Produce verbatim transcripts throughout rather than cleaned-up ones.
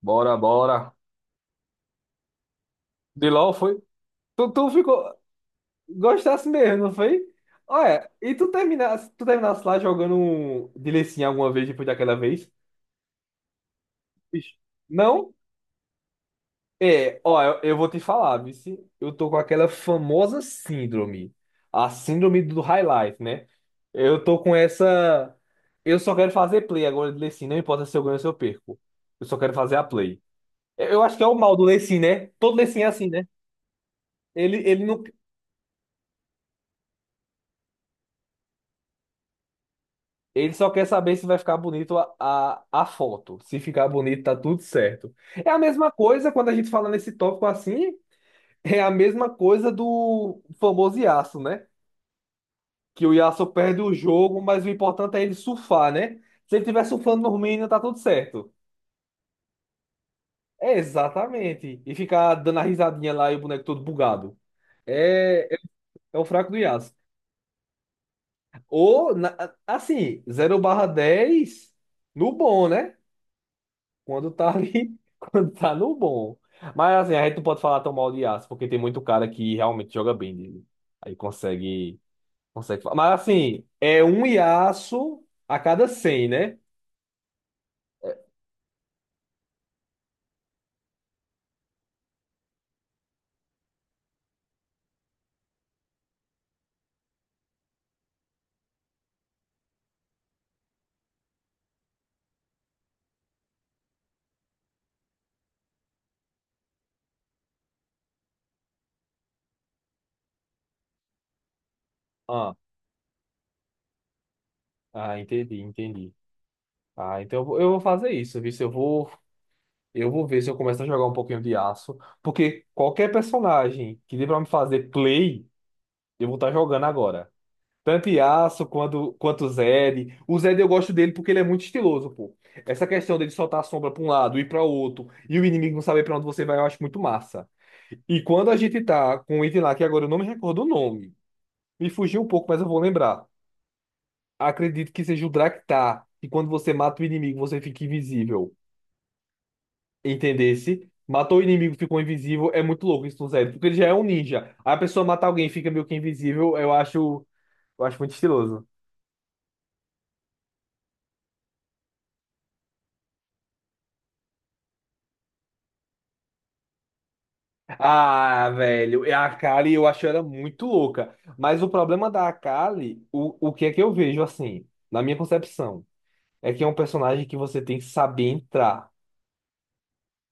Bora, bora. De LOL foi? Tu, tu ficou. Gostasse mesmo, não foi? Olha, e tu terminasse, tu terminasse lá jogando um de Lee Sin alguma vez depois daquela vez? Bicho, não? É, ó, eu, eu vou te falar, vice. Eu tô com aquela famosa síndrome. A síndrome do High Life, né? Eu tô com essa. Eu só quero fazer play agora de Lee Sin, não importa se eu ganho ou se eu perco. Eu só quero fazer a play. Eu eu acho que é o mal do Lee Sin, né? Todo Lee Sin é assim, né? Ele, ele não, Ele só quer saber se vai ficar bonito a, a, a foto. Se ficar bonito, tá tudo certo. É a mesma coisa quando a gente fala nesse tópico assim, é a mesma coisa do famoso Yasuo, né? Que o Yasuo perde o jogo, mas o importante é ele surfar, né? Se ele tiver surfando no minions, tá tudo certo. É exatamente. E ficar dando a risadinha lá e o boneco todo bugado. É, é o fraco do Yasuo. Ou, na- assim, zero barra dez no bom, né? Quando tá ali, quando tá no bom. Mas assim, a gente não pode falar tão mal de aço, porque tem muito cara que realmente joga bem dele. Aí consegue, consegue. Fa- Mas assim, é um Yasuo a cada cem, né? Ah, ah, entendi, entendi. Ah, então eu vou eu vou fazer isso, viu? Se Eu vou, eu vou ver se eu começo a jogar um pouquinho de aço, porque qualquer personagem que dê pra me fazer play, eu vou estar jogando agora. Tanto Yasuo quanto, quanto Zed. O Zed eu gosto dele porque ele é muito estiloso, pô. Essa questão dele soltar a sombra pra um lado e pra outro, e o inimigo não saber pra onde você vai, eu acho muito massa. E quando a gente tá com um item lá, que agora eu não me recordo o nome, me fugiu um pouco, mas eu vou lembrar. Acredito que seja o Draktar, que quando você mata o inimigo, você fica invisível. Entendesse? Matou o inimigo, ficou invisível, é muito louco isso no Zed, porque ele já é um ninja. Aí a pessoa mata alguém e fica meio que invisível, eu acho, eu acho muito estiloso. Ah, velho, e a Kali eu acho ela muito louca. Mas o problema da Kali, o, o que é que eu vejo assim, na minha concepção, é que é um personagem que você tem que saber entrar.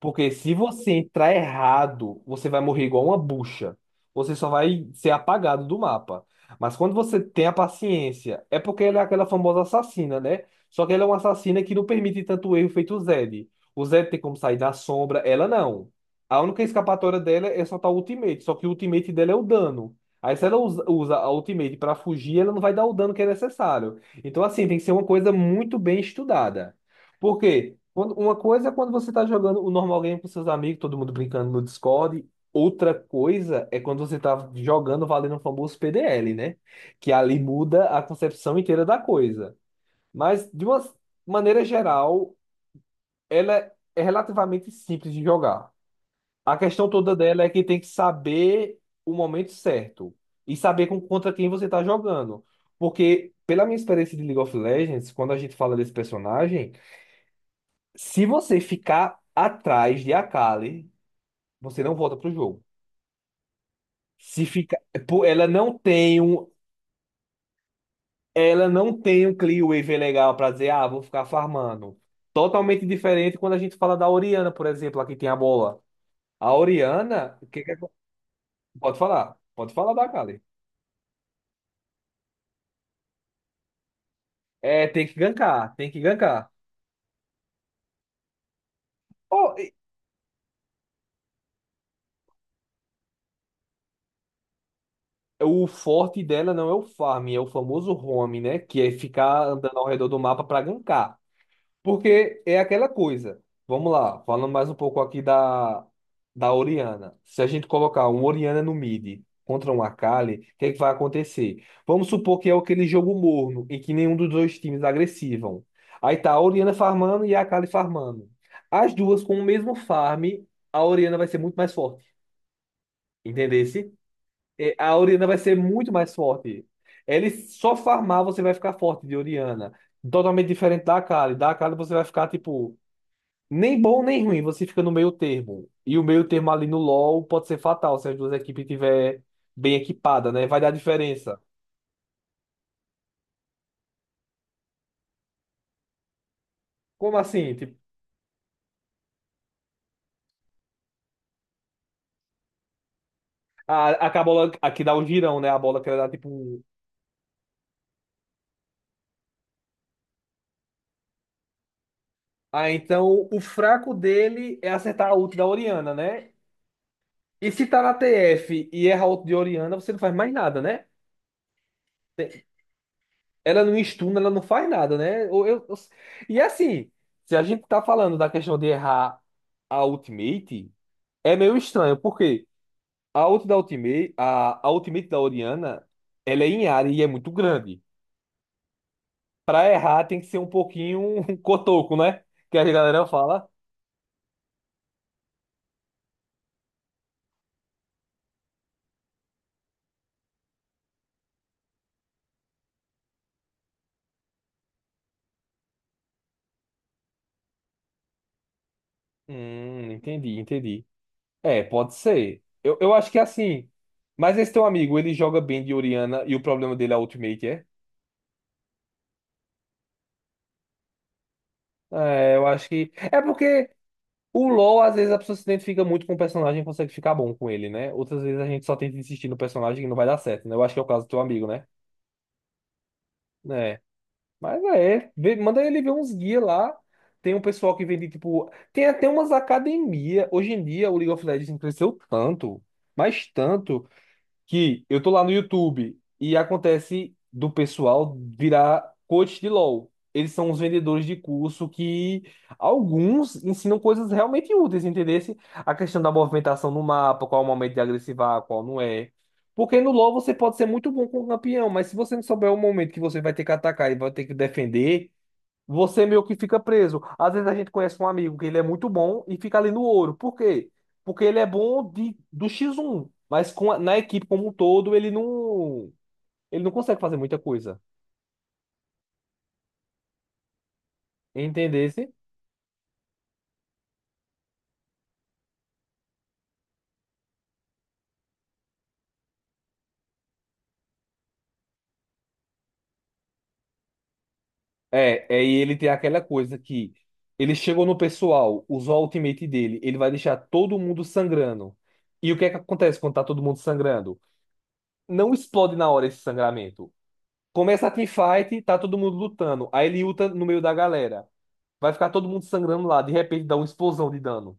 Porque se você entrar errado, você vai morrer igual uma bucha. Você só vai ser apagado do mapa. Mas quando você tem a paciência, é porque ela é aquela famosa assassina, né? Só que ela é uma assassina que não permite tanto erro feito o Zed. O Zed tem como sair da sombra, ela não. A única escapatória dela é soltar o ultimate, só que o ultimate dela é o dano. Aí se ela usa, usa a ultimate para fugir, ela não vai dar o dano que é necessário. Então assim, tem que ser uma coisa muito bem estudada. Por quê? Quando- Uma coisa é quando você está jogando o normal game com seus amigos, todo mundo brincando no Discord. Outra coisa é quando você tá jogando valendo o famoso P D L, né? Que ali muda a concepção inteira da coisa. Mas, de uma maneira geral, ela é relativamente simples de jogar. A questão toda dela é que tem que saber o momento certo e saber com- contra quem você está jogando. Porque, pela minha experiência de League of Legends, quando a gente fala desse personagem. Se você ficar atrás de Akali, você não volta pro jogo. Se fica, pô, ela não tem um, ela não tem um clear wave legal pra dizer, ah, vou ficar farmando. Totalmente diferente quando a gente fala da Orianna, por exemplo, aqui tem a bola. A Orianna, o que que acon- pode falar? Pode falar da Akali. É, tem que gankar, tem que gankar. Oh, e- o forte dela não é o farm, é o famoso roam, né, que é ficar andando ao redor do mapa pra gankar. Porque é aquela coisa. Vamos lá, falando mais um pouco aqui da, da Oriana. Se a gente colocar um Oriana no mid contra um Akali, o que é que vai acontecer? Vamos supor que é aquele jogo morno em que nenhum dos dois times agressivam. Aí tá a Oriana farmando e a Akali farmando. As duas com o mesmo farm, a Oriana vai ser muito mais forte. Entendesse? É, a Oriana vai ser muito mais forte. Ele só farmar, você vai ficar forte de Oriana. Totalmente diferente da Akali. Da Akali você vai ficar, tipo. Nem bom nem ruim, você fica no meio termo. E o meio termo ali no LoL pode ser fatal se as duas equipes estiverem bem equipada, né? Vai dar diferença. Como assim? Tipo, a, a, que a bola aqui dá um girão, né? A bola que ela dá tipo. Um. Ah, então o fraco dele é acertar a ult da Orianna, né? E se tá na T F e erra a ult de Orianna, você não faz mais nada, né? Ela não estuna, ela não faz nada, né? Eu, eu- eu- E assim, se a gente tá falando da questão de errar a ultimate, é meio estranho, porque a ult da Ultimate, a, a Ultimate da Orianna, ela é em área e é muito grande. Pra errar tem que ser um pouquinho cotoco, né? Que a galera fala. Hum, entendi, entendi. É, pode ser. Eu, eu acho que é assim. Mas esse teu amigo, ele joga bem de Orianna e o problema dele é a Ultimate, é? É, eu acho que. É porque o LoL, às vezes, a pessoa se identifica muito com o personagem e consegue ficar bom com ele, né? Outras vezes a gente só tenta insistir no personagem e não vai dar certo, né? Eu acho que é o caso do teu amigo, né? É. Mas é, vê- manda ele ver uns guias lá. Tem um pessoal que vende, tipo. Tem até umas academias. Hoje em dia, o League of Legends cresceu tanto, mas tanto, que eu tô lá no YouTube e acontece do pessoal virar coach de LoL. Eles são os vendedores de curso que alguns ensinam coisas realmente úteis, entendesse? A questão da movimentação no mapa, qual é o momento de agressivar, qual não é. Porque no LoL você pode ser muito bom com o campeão, mas se você não souber o momento que você vai ter que atacar e vai ter que defender, você meio que fica preso. Às vezes a gente conhece um amigo que ele é muito bom e fica ali no ouro. Por quê? Porque ele é bom de, do xis um, mas com a- na equipe como um todo ele não ele não consegue fazer muita coisa. Entendesse? É, é, e ele tem aquela coisa que ele chegou no pessoal, usou a ultimate dele, ele vai deixar todo mundo sangrando. E o que é que acontece quando tá todo mundo sangrando? Não explode na hora esse sangramento. Começa a teamfight, tá todo mundo lutando. Aí ele luta no meio da galera. Vai ficar todo mundo sangrando lá. De repente dá uma explosão de dano.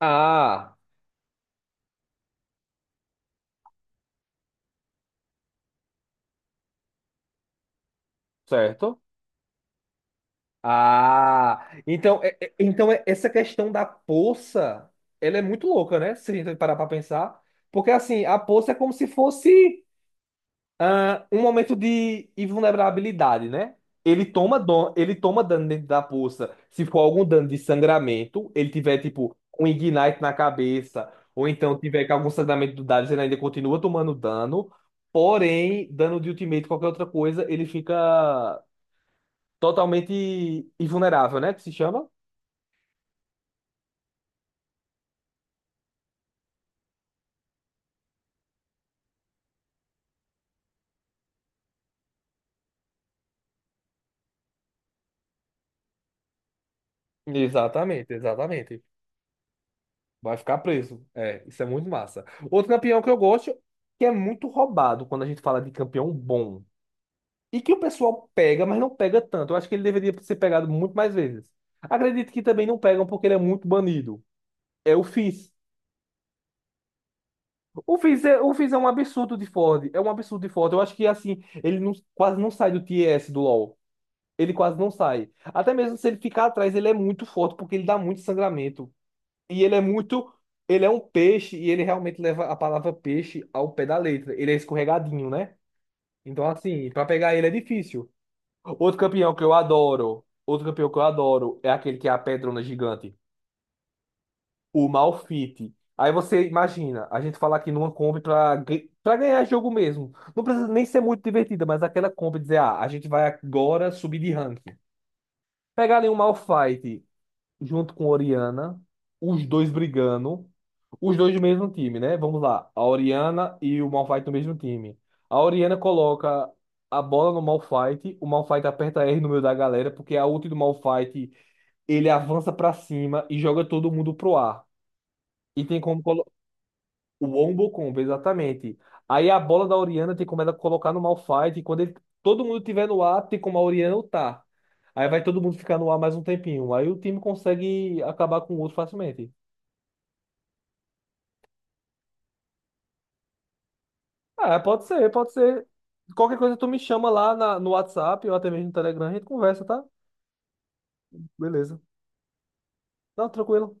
Ah, certo? Ah. Então, é- é- então é- essa questão da poça, ela é muito louca, né? Se a gente parar pra pensar. Porque assim, a poça é como se fosse. Ah, um momento de invulnerabilidade, né? Ele toma, dano, ele toma dano dentro da poça. Se for algum dano de sangramento, ele tiver, tipo, um ignite na cabeça, ou então tiver com algum sangramento do Darius, ele ainda continua tomando dano. Porém, dano de ultimate, qualquer outra coisa, ele fica totalmente invulnerável, né? Que se chama? Exatamente, exatamente. Vai ficar preso. É, isso é muito massa. Outro campeão que eu gosto, que é muito roubado quando a gente fala de campeão bom. E que o pessoal pega, mas não pega tanto. Eu acho que ele deveria ser pegado muito mais vezes. Acredito que também não pegam porque ele é muito banido. É o Fizz. O Fizz é, o Fizz é um absurdo de Ford. É um absurdo de Ford. Eu acho que, assim, ele não- quase não sai do T S do LoL. Ele quase não sai. Até mesmo se ele ficar atrás, ele é muito forte porque ele dá muito sangramento. E ele é muito. Ele é um peixe e ele realmente leva a palavra peixe ao pé da letra. Ele é escorregadinho, né? Então, assim, pra pegar ele é difícil. Outro campeão que eu adoro, outro campeão que eu adoro é aquele que é a pedrona gigante, o Malphite. Aí você imagina, a gente falar aqui numa Kombi pra, ga- pra ganhar jogo mesmo. Não precisa nem ser muito divertida, mas aquela Kombi dizer, ah, a gente vai agora subir de ranking. Pegar ali um Malphite, junto com Oriana, os dois brigando, os dois do mesmo time, né? Vamos lá, a Oriana e o Malphite do mesmo time. A Oriana coloca a bola no Malphite, o Malphite aperta R no meio da galera, porque a ult do Malphite, ele avança pra cima e joga todo mundo pro ar. E tem como o Wombo Combo, exatamente. Aí a bola da Orianna tem como ela colocar no Malphite. E quando ele- todo mundo tiver no ar, tem como a Orianna ultar. Aí vai todo mundo ficar no ar mais um tempinho. Aí o time consegue acabar com o outro facilmente. Ah, pode ser, pode ser. Qualquer coisa tu me chama lá na- no WhatsApp ou até mesmo no Telegram, a gente conversa, tá? Beleza. Não, tranquilo.